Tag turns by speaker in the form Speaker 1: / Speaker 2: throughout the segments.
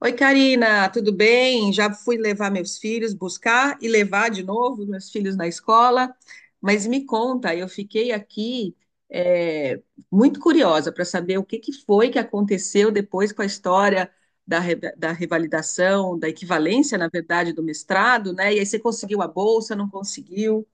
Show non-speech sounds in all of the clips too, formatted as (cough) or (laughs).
Speaker 1: Oi, Karina, tudo bem? Já fui levar meus filhos, buscar e levar de novo meus filhos na escola. Mas me conta, eu fiquei aqui é, muito curiosa para saber o que que foi que aconteceu depois com a história da revalidação, da equivalência, na verdade, do mestrado, né? E aí você conseguiu a bolsa, não conseguiu?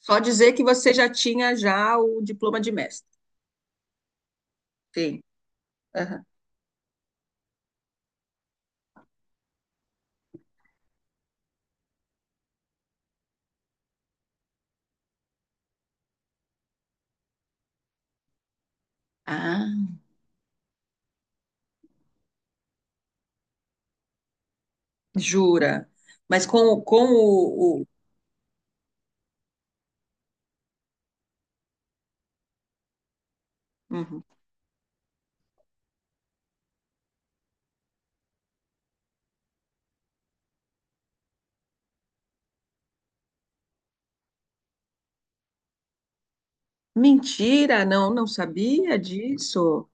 Speaker 1: Só dizer que você já tinha já o diploma de mestre. Sim. Aham. Ah, jura? Mas com o... Uhum. Mentira, não sabia disso.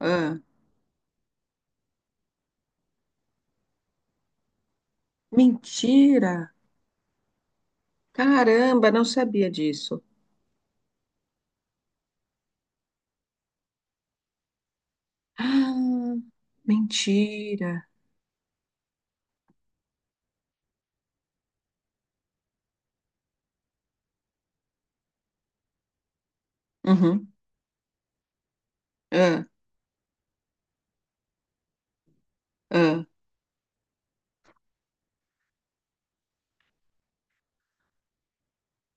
Speaker 1: Ah, mentira. Caramba, não sabia disso. (gasps) Ah, mentira. Uhum. Ah, ah,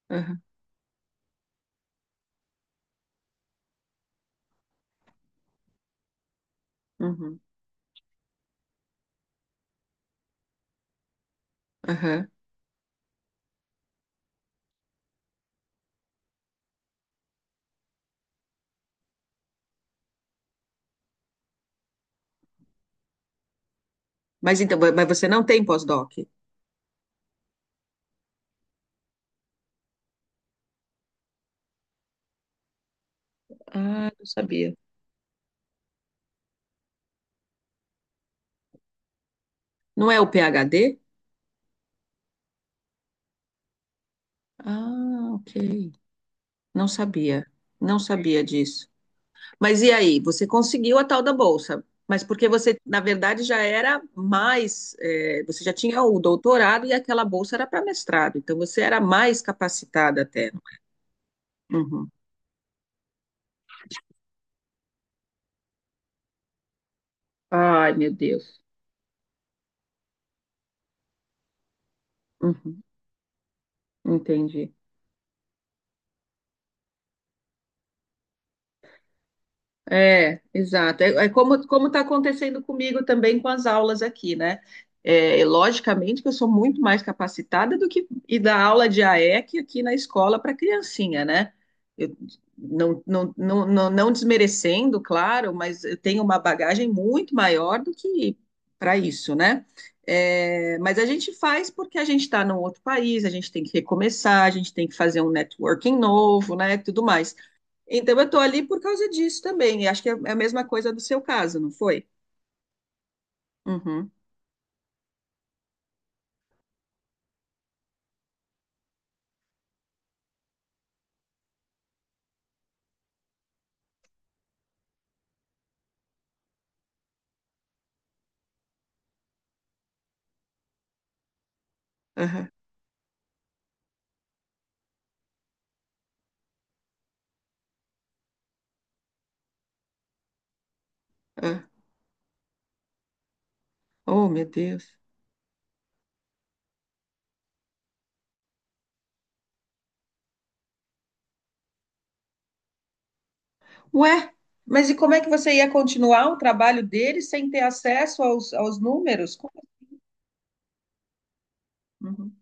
Speaker 1: aham, uhum, aham. Mas então, mas você não tem pós-doc? Ah, não sabia. Não é o PhD? Ah, ok. Não sabia. Não sabia disso. Mas e aí? Você conseguiu a tal da bolsa, mas porque você, na verdade, já era mais, você já tinha o doutorado e aquela bolsa era para mestrado, então você era mais capacitada até. Uhum. Ai, meu Deus. Uhum. Entendi. É, exato. É, é como está acontecendo comigo também com as aulas aqui, né? É, logicamente que eu sou muito mais capacitada do que ir dar aula de AEC aqui na escola para criancinha, né? Eu, não desmerecendo, claro, mas eu tenho uma bagagem muito maior do que para isso, né? É, mas a gente faz porque a gente está num outro país, a gente tem que recomeçar, a gente tem que fazer um networking novo, né? Tudo mais. Então, eu estou ali por causa disso também. E acho que é a mesma coisa do seu caso, não foi? Uhum, aham, ah. Oh, meu Deus. Ué, mas e como é que você ia continuar o trabalho dele sem ter acesso aos números? Como- é? Uhum,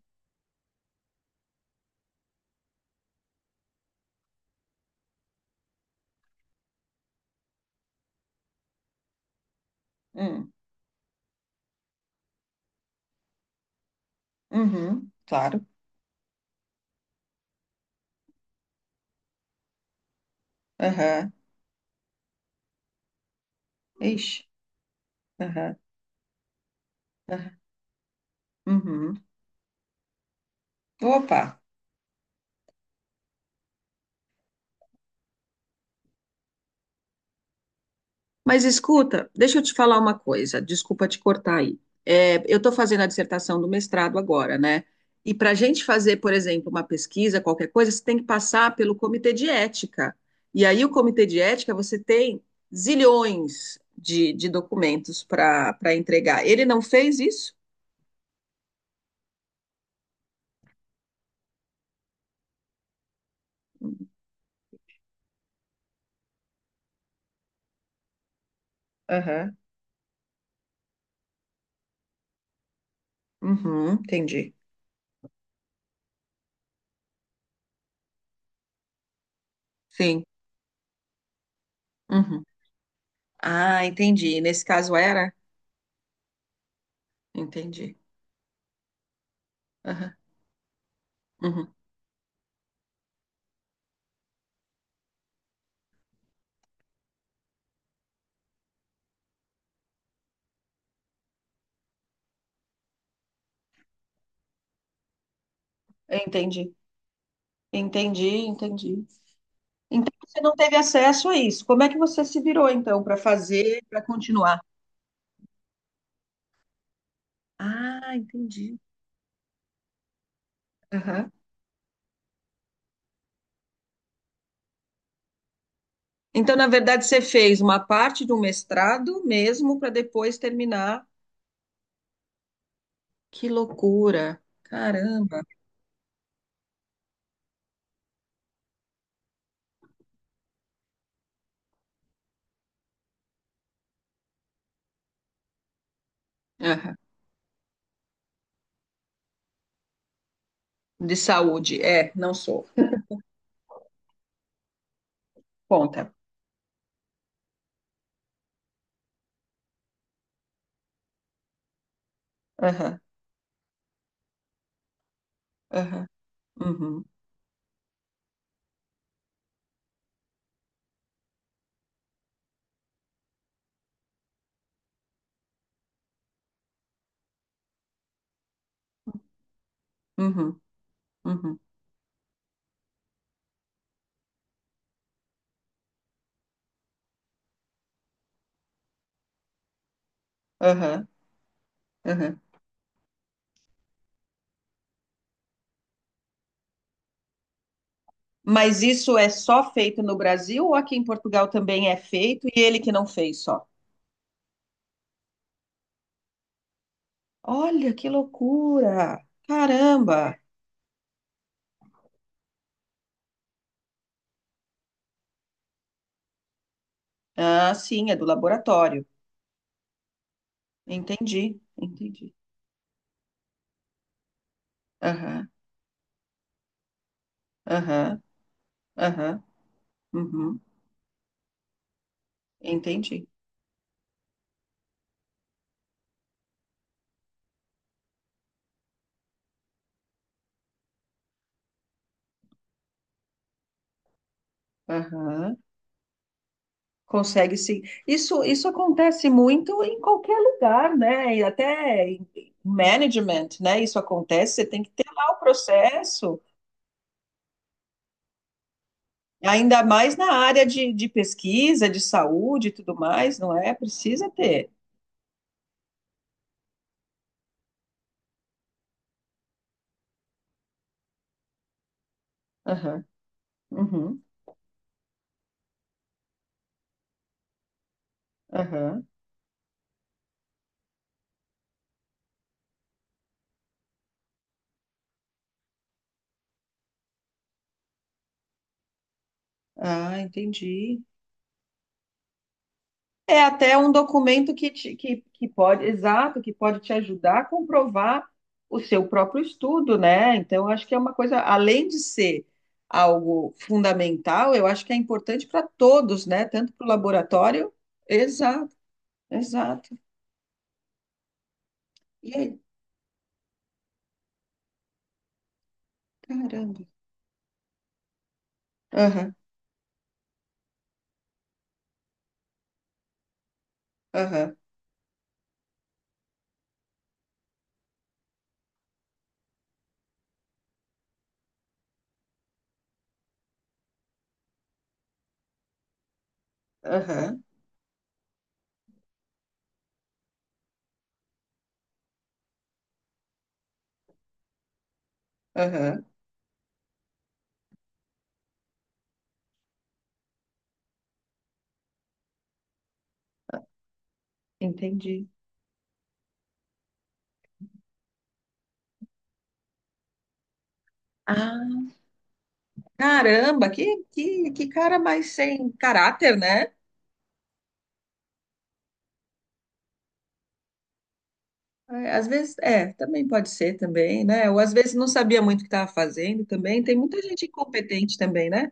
Speaker 1: hum, uhum, claro. Aham, Ixi, aham, aham, uhum. Opa. Mas escuta, deixa eu te falar uma coisa, desculpa te cortar aí. É, eu estou fazendo a dissertação do mestrado agora, né? E para a gente fazer, por exemplo, uma pesquisa, qualquer coisa, você tem que passar pelo comitê de ética. E aí, o comitê de ética, você tem zilhões de documentos para entregar. Ele não fez isso? Aham, Uhum, entendi. Sim. Uhum. Ah, entendi. Nesse caso era? Entendi. Aham, uhum. Entendi, entendi, entendi. Então você não teve acesso a isso. Como é que você se virou então para fazer, para continuar? Ah, entendi. Aham. Então, na verdade, você fez uma parte de um mestrado mesmo para depois terminar. Que loucura! Caramba! Aham. De saúde. É, não sou. Conta. Aham, aham, uhum, uhum, uhum, aham, aham. Mas isso é só feito no Brasil ou aqui em Portugal também é feito e ele que não fez só? Olha que loucura! Caramba! Ah, sim, é do laboratório. Entendi, entendi. Aham, aham, aham, uhum, entendi. Aham. Consegue sim. Isso acontece muito em qualquer lugar, né? E até em management, né? Isso acontece, você tem que ter lá o processo, ainda mais na área de pesquisa, de saúde e tudo mais, não é? Precisa ter. Aham, uhum, aham. Ah, entendi. É até um documento que, que pode, exato, que pode te ajudar a comprovar o seu próprio estudo, né? Então, eu acho que é uma coisa, além de ser algo fundamental, eu acho que é importante para todos, né? Tanto para o laboratório. Exato, exato. E aí, caramba. Aham, aham, aham, aham. Entendi. Ah, caramba, que cara mais sem caráter, né? É, às vezes, é, também pode ser também, né? Ou às vezes não sabia muito o que estava fazendo também. Tem muita gente incompetente também, né?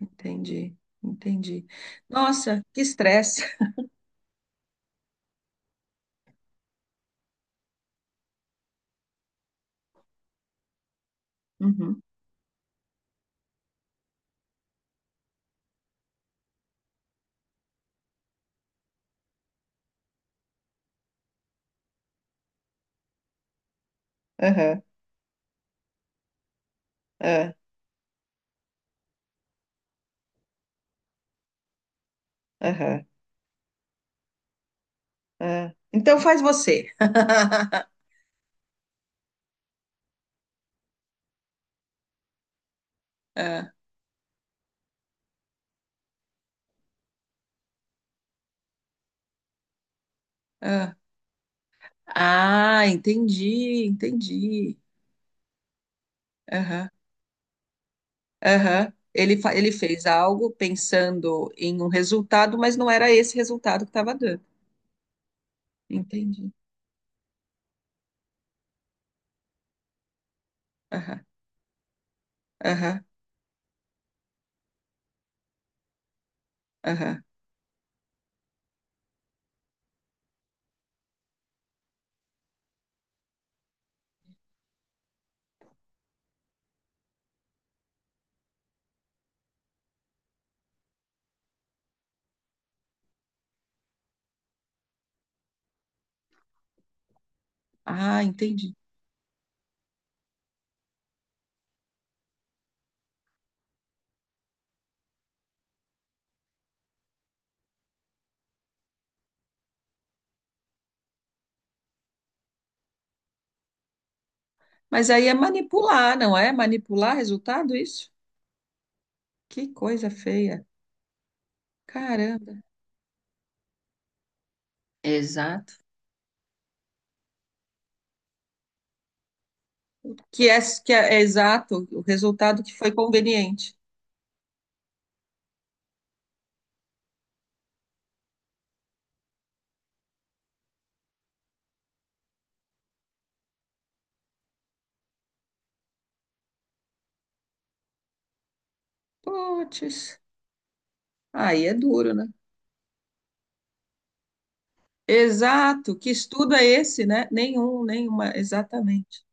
Speaker 1: Entendi, entendi. Nossa, que estresse. Uhum. Aham, ah, aham, ah. Então faz você. (laughs) Ah, ah. Ah, entendi, entendi. Aham, aham. Ele, ele fez algo pensando em um resultado, mas não era esse resultado que estava dando. Entendi. Aham, aham, aham. Ah, entendi. Mas aí é manipular, não é? Manipular resultado, isso? Que coisa feia. Caramba. Exato. Que é, é exato o resultado que foi conveniente. Puts, aí é duro, né? Exato. Que estudo é esse, né? Nenhum, nenhuma, exatamente.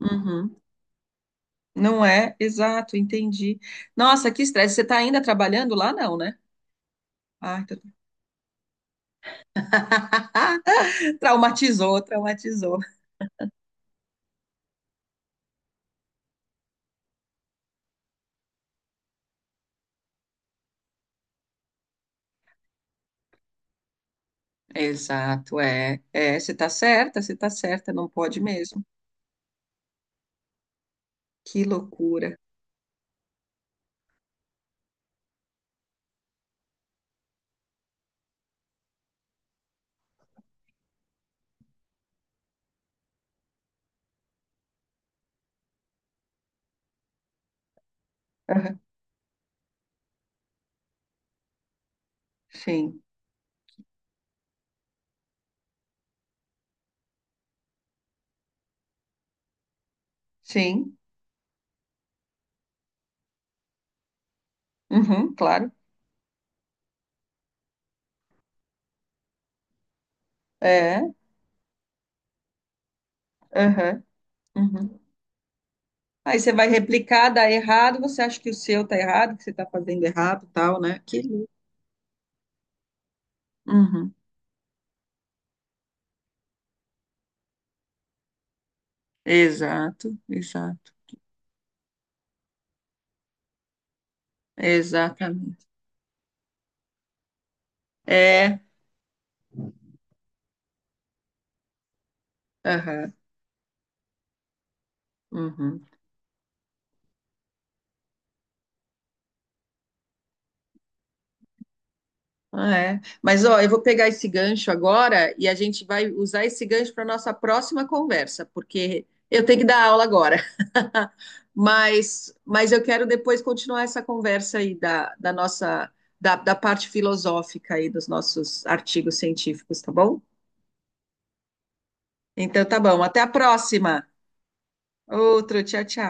Speaker 1: Uhum. Não é? Exato, entendi. Nossa, que estresse. Você está ainda trabalhando lá? Não, né? Ah, então... (laughs) traumatizou, traumatizou. Exato, é. É, você tá certa, não pode mesmo. Que loucura. Aham, Sim, sim, uhum, claro. É, aham, uhum. Aí você vai replicar, dá errado, você acha que o seu tá errado, que você tá fazendo errado, tal, né? Que louco. Uhum. Exato, exato, exatamente. É, aham, uhum. Ah, é. Mas ó, eu vou pegar esse gancho agora e a gente vai usar esse gancho para nossa próxima conversa, porque eu tenho que dar aula agora. Mas eu quero depois continuar essa conversa aí da nossa, da parte filosófica aí dos nossos artigos científicos, tá bom? Então tá bom, até a próxima. Outro, tchau, tchau.